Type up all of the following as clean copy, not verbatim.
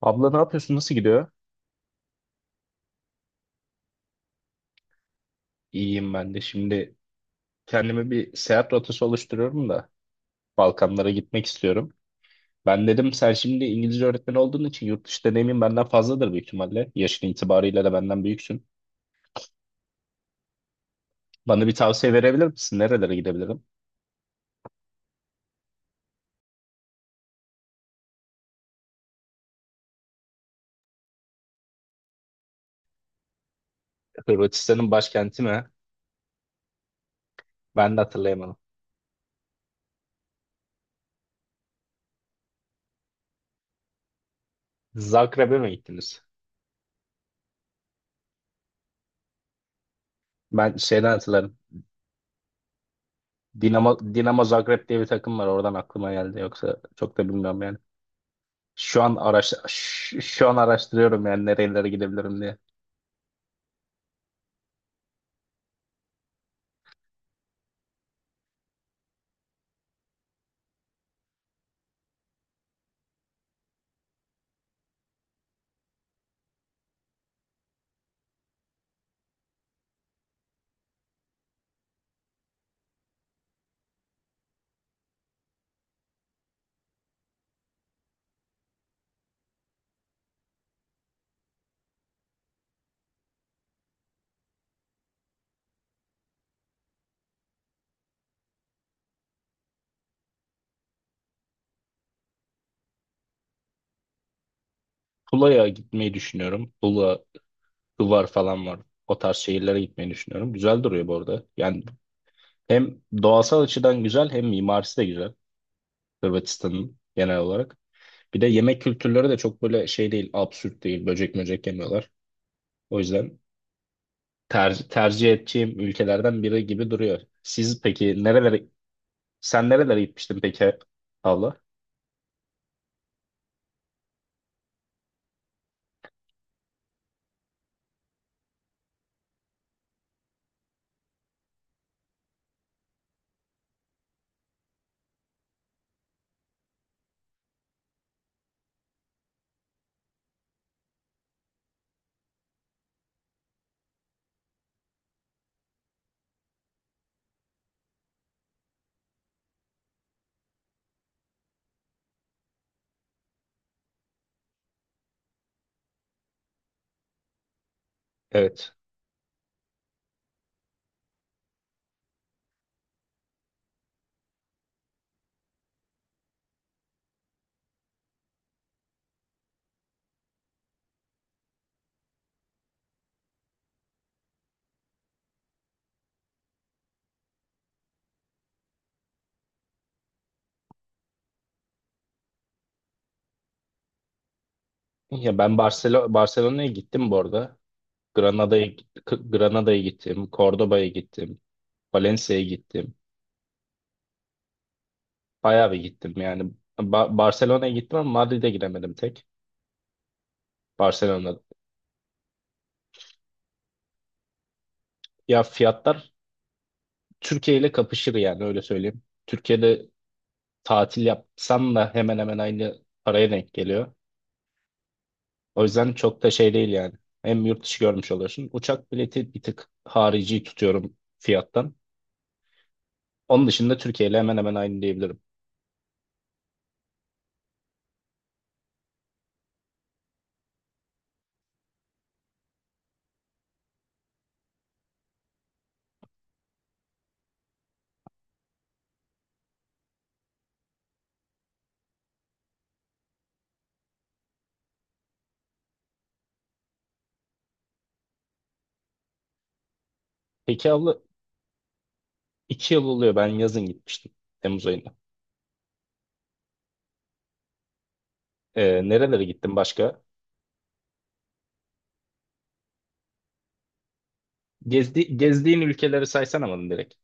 Abla ne yapıyorsun? Nasıl gidiyor? İyiyim ben de. Şimdi kendime bir seyahat rotası oluşturuyorum da Balkanlara gitmek istiyorum. Ben dedim sen şimdi İngilizce öğretmeni olduğun için yurt dışı deneyimin benden fazladır büyük ihtimalle. Yaşın itibarıyla da benden büyüksün. Bana bir tavsiye verebilir misin? Nerelere gidebilirim? Hırvatistan'ın başkenti mi? Ben de hatırlayamadım. Zagreb'e mi gittiniz? Ben şeyden hatırlarım. Dinamo Zagreb diye bir takım var. Oradan aklıma geldi. Yoksa çok da bilmiyorum yani. Şu an araştırıyorum yani nerelere gidebilirim diye. Tula'ya gitmeyi düşünüyorum. Tula, Hıvar falan var. O tarz şehirlere gitmeyi düşünüyorum. Güzel duruyor bu arada. Yani hem doğasal açıdan güzel hem mimarisi de güzel. Hırvatistan'ın genel olarak. Bir de yemek kültürleri de çok böyle şey değil, absürt değil. Böcek möcek yemiyorlar. O yüzden tercih edeceğim ülkelerden biri gibi duruyor. Sen nerelere gitmiştin peki abla? Evet. Ya ben Barcelona'ya gittim bu arada. Granada'ya Granada'ya gittim, Cordoba'ya gittim. Valencia'ya gittim. Bayağı bir gittim yani. Barcelona'ya gittim ama Madrid'e gidemedim tek. Barcelona'da. Ya fiyatlar Türkiye ile kapışır yani öyle söyleyeyim. Türkiye'de tatil yapsam da hemen hemen aynı paraya denk geliyor. O yüzden çok da şey değil yani. Hem yurt dışı görmüş oluyorsun. Uçak bileti bir tık harici tutuyorum fiyattan. Onun dışında Türkiye ile hemen hemen aynı diyebilirim. Peki abla iki yıl oluyor ben yazın gitmiştim. Temmuz ayında. Nerelere gittim başka? Gezdiğin ülkeleri saysan ama direkt.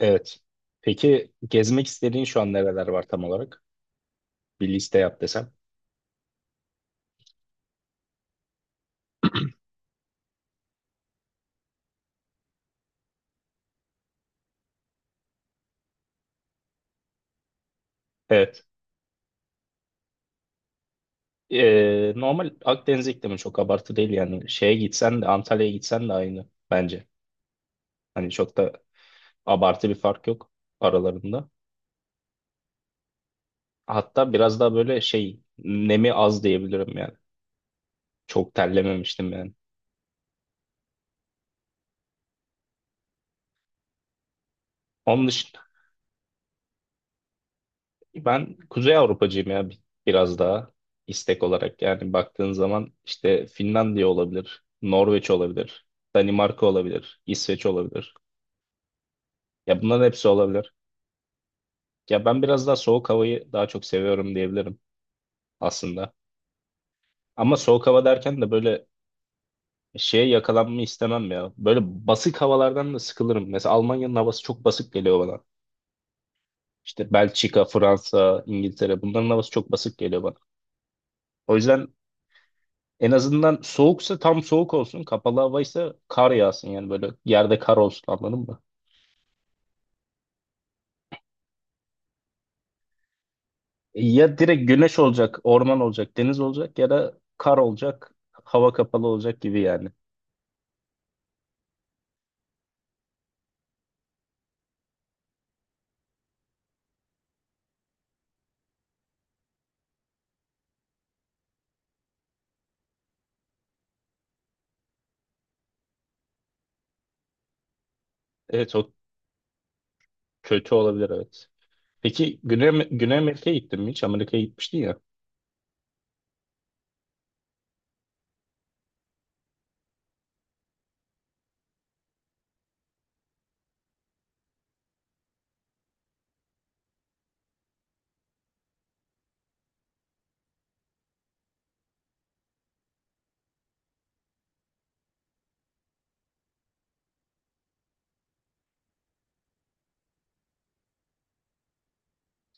Evet. Peki gezmek istediğin şu an nereler var tam olarak? Bir liste yap desem. Evet. Normal Akdeniz iklimi çok abartı değil yani. Şeye gitsen de Antalya'ya gitsen de aynı bence. Hani çok da abartı bir fark yok aralarında. Hatta biraz daha böyle şey nemi az diyebilirim yani. Çok terlememiştim yani. Onun dışında ben Kuzey Avrupacıyım ya biraz daha istek olarak. Yani baktığın zaman işte Finlandiya olabilir, Norveç olabilir, Danimarka olabilir, İsveç olabilir. Ya bunların hepsi olabilir. Ya ben biraz daha soğuk havayı daha çok seviyorum diyebilirim aslında. Ama soğuk hava derken de böyle şeye yakalanmayı istemem ya. Böyle basık havalardan da sıkılırım. Mesela Almanya'nın havası çok basık geliyor bana. İşte Belçika, Fransa, İngiltere bunların havası çok basık geliyor bana. O yüzden en azından soğuksa tam soğuk olsun. Kapalı havaysa kar yağsın yani böyle yerde kar olsun anladın mı? Ya direkt güneş olacak, orman olacak, deniz olacak ya da kar olacak, hava kapalı olacak gibi yani. Evet, o kötü olabilir evet. Peki Güney Amerika'ya gittin mi hiç? Amerika'ya gitmiştin ya.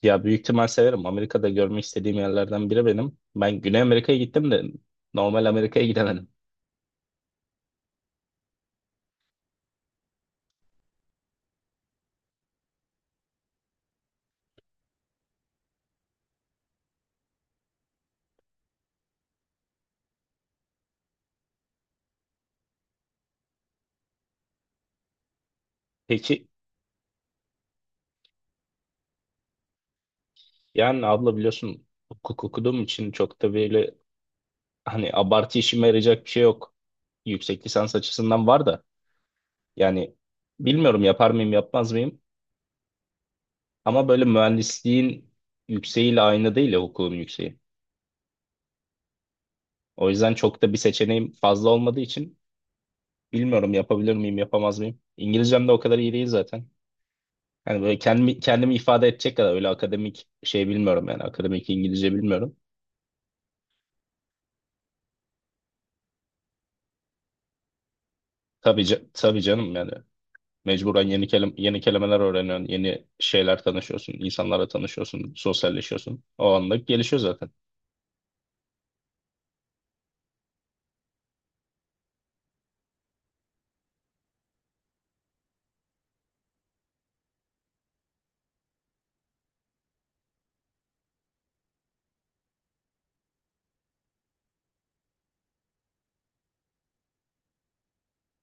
Ya büyük ihtimal severim. Amerika'da görmek istediğim yerlerden biri benim. Ben Güney Amerika'ya gittim de normal Amerika'ya gidemedim. Peki yani abla biliyorsun hukuk okuduğum için çok da böyle hani abartı işime yarayacak bir şey yok. Yüksek lisans açısından var da yani bilmiyorum yapar mıyım yapmaz mıyım ama böyle mühendisliğin yükseğiyle aynı değil ya hukukun yükseği. O yüzden çok da bir seçeneğim fazla olmadığı için bilmiyorum yapabilir miyim yapamaz mıyım. İngilizcem de o kadar iyi değil zaten. Yani böyle kendimi ifade edecek kadar öyle akademik şey bilmiyorum yani akademik İngilizce bilmiyorum. Tabii canım yani mecburen yeni kelimeler öğreniyorsun, yeni şeyler tanışıyorsun, insanlarla tanışıyorsun, sosyalleşiyorsun. O anlık gelişiyor zaten.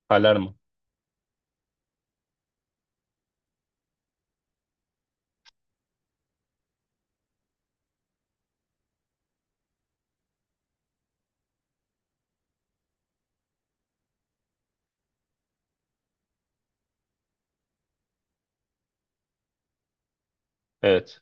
Alarm. Evet.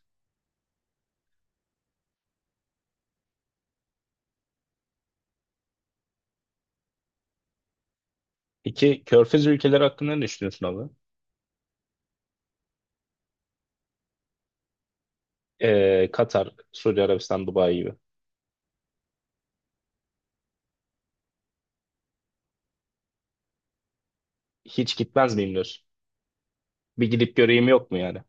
İki, Körfez ülkeleri hakkında ne düşünüyorsun abi? Katar, Suudi Arabistan, Dubai gibi. Hiç gitmez miyim diyorsun? Bir gidip göreyim yok mu yani?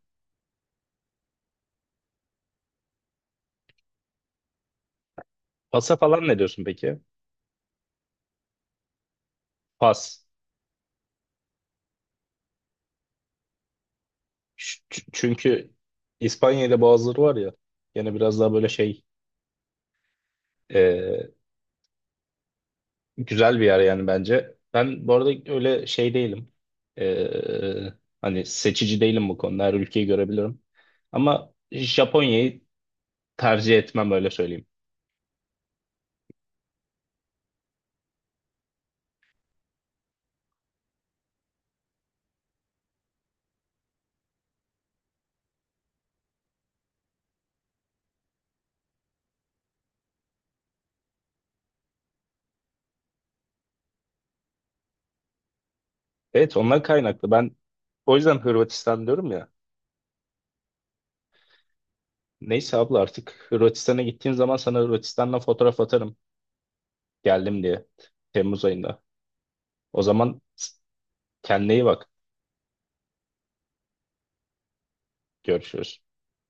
Pasa falan ne diyorsun peki? Pas. Çünkü İspanya'da Boğazları var ya. Yine biraz daha böyle şey ee, güzel bir yer yani bence. Ben bu arada öyle şey değilim. Ee, Hani seçici değilim bu konuda. Her ülkeyi görebilirim. Ama Japonya'yı tercih etmem öyle söyleyeyim. Evet ondan kaynaklı. Ben o yüzden Hırvatistan diyorum ya. Neyse abla artık Hırvatistan'a gittiğim zaman sana Hırvatistan'la fotoğraf atarım. Geldim diye. Temmuz ayında. O zaman kendine iyi bak. Görüşürüz.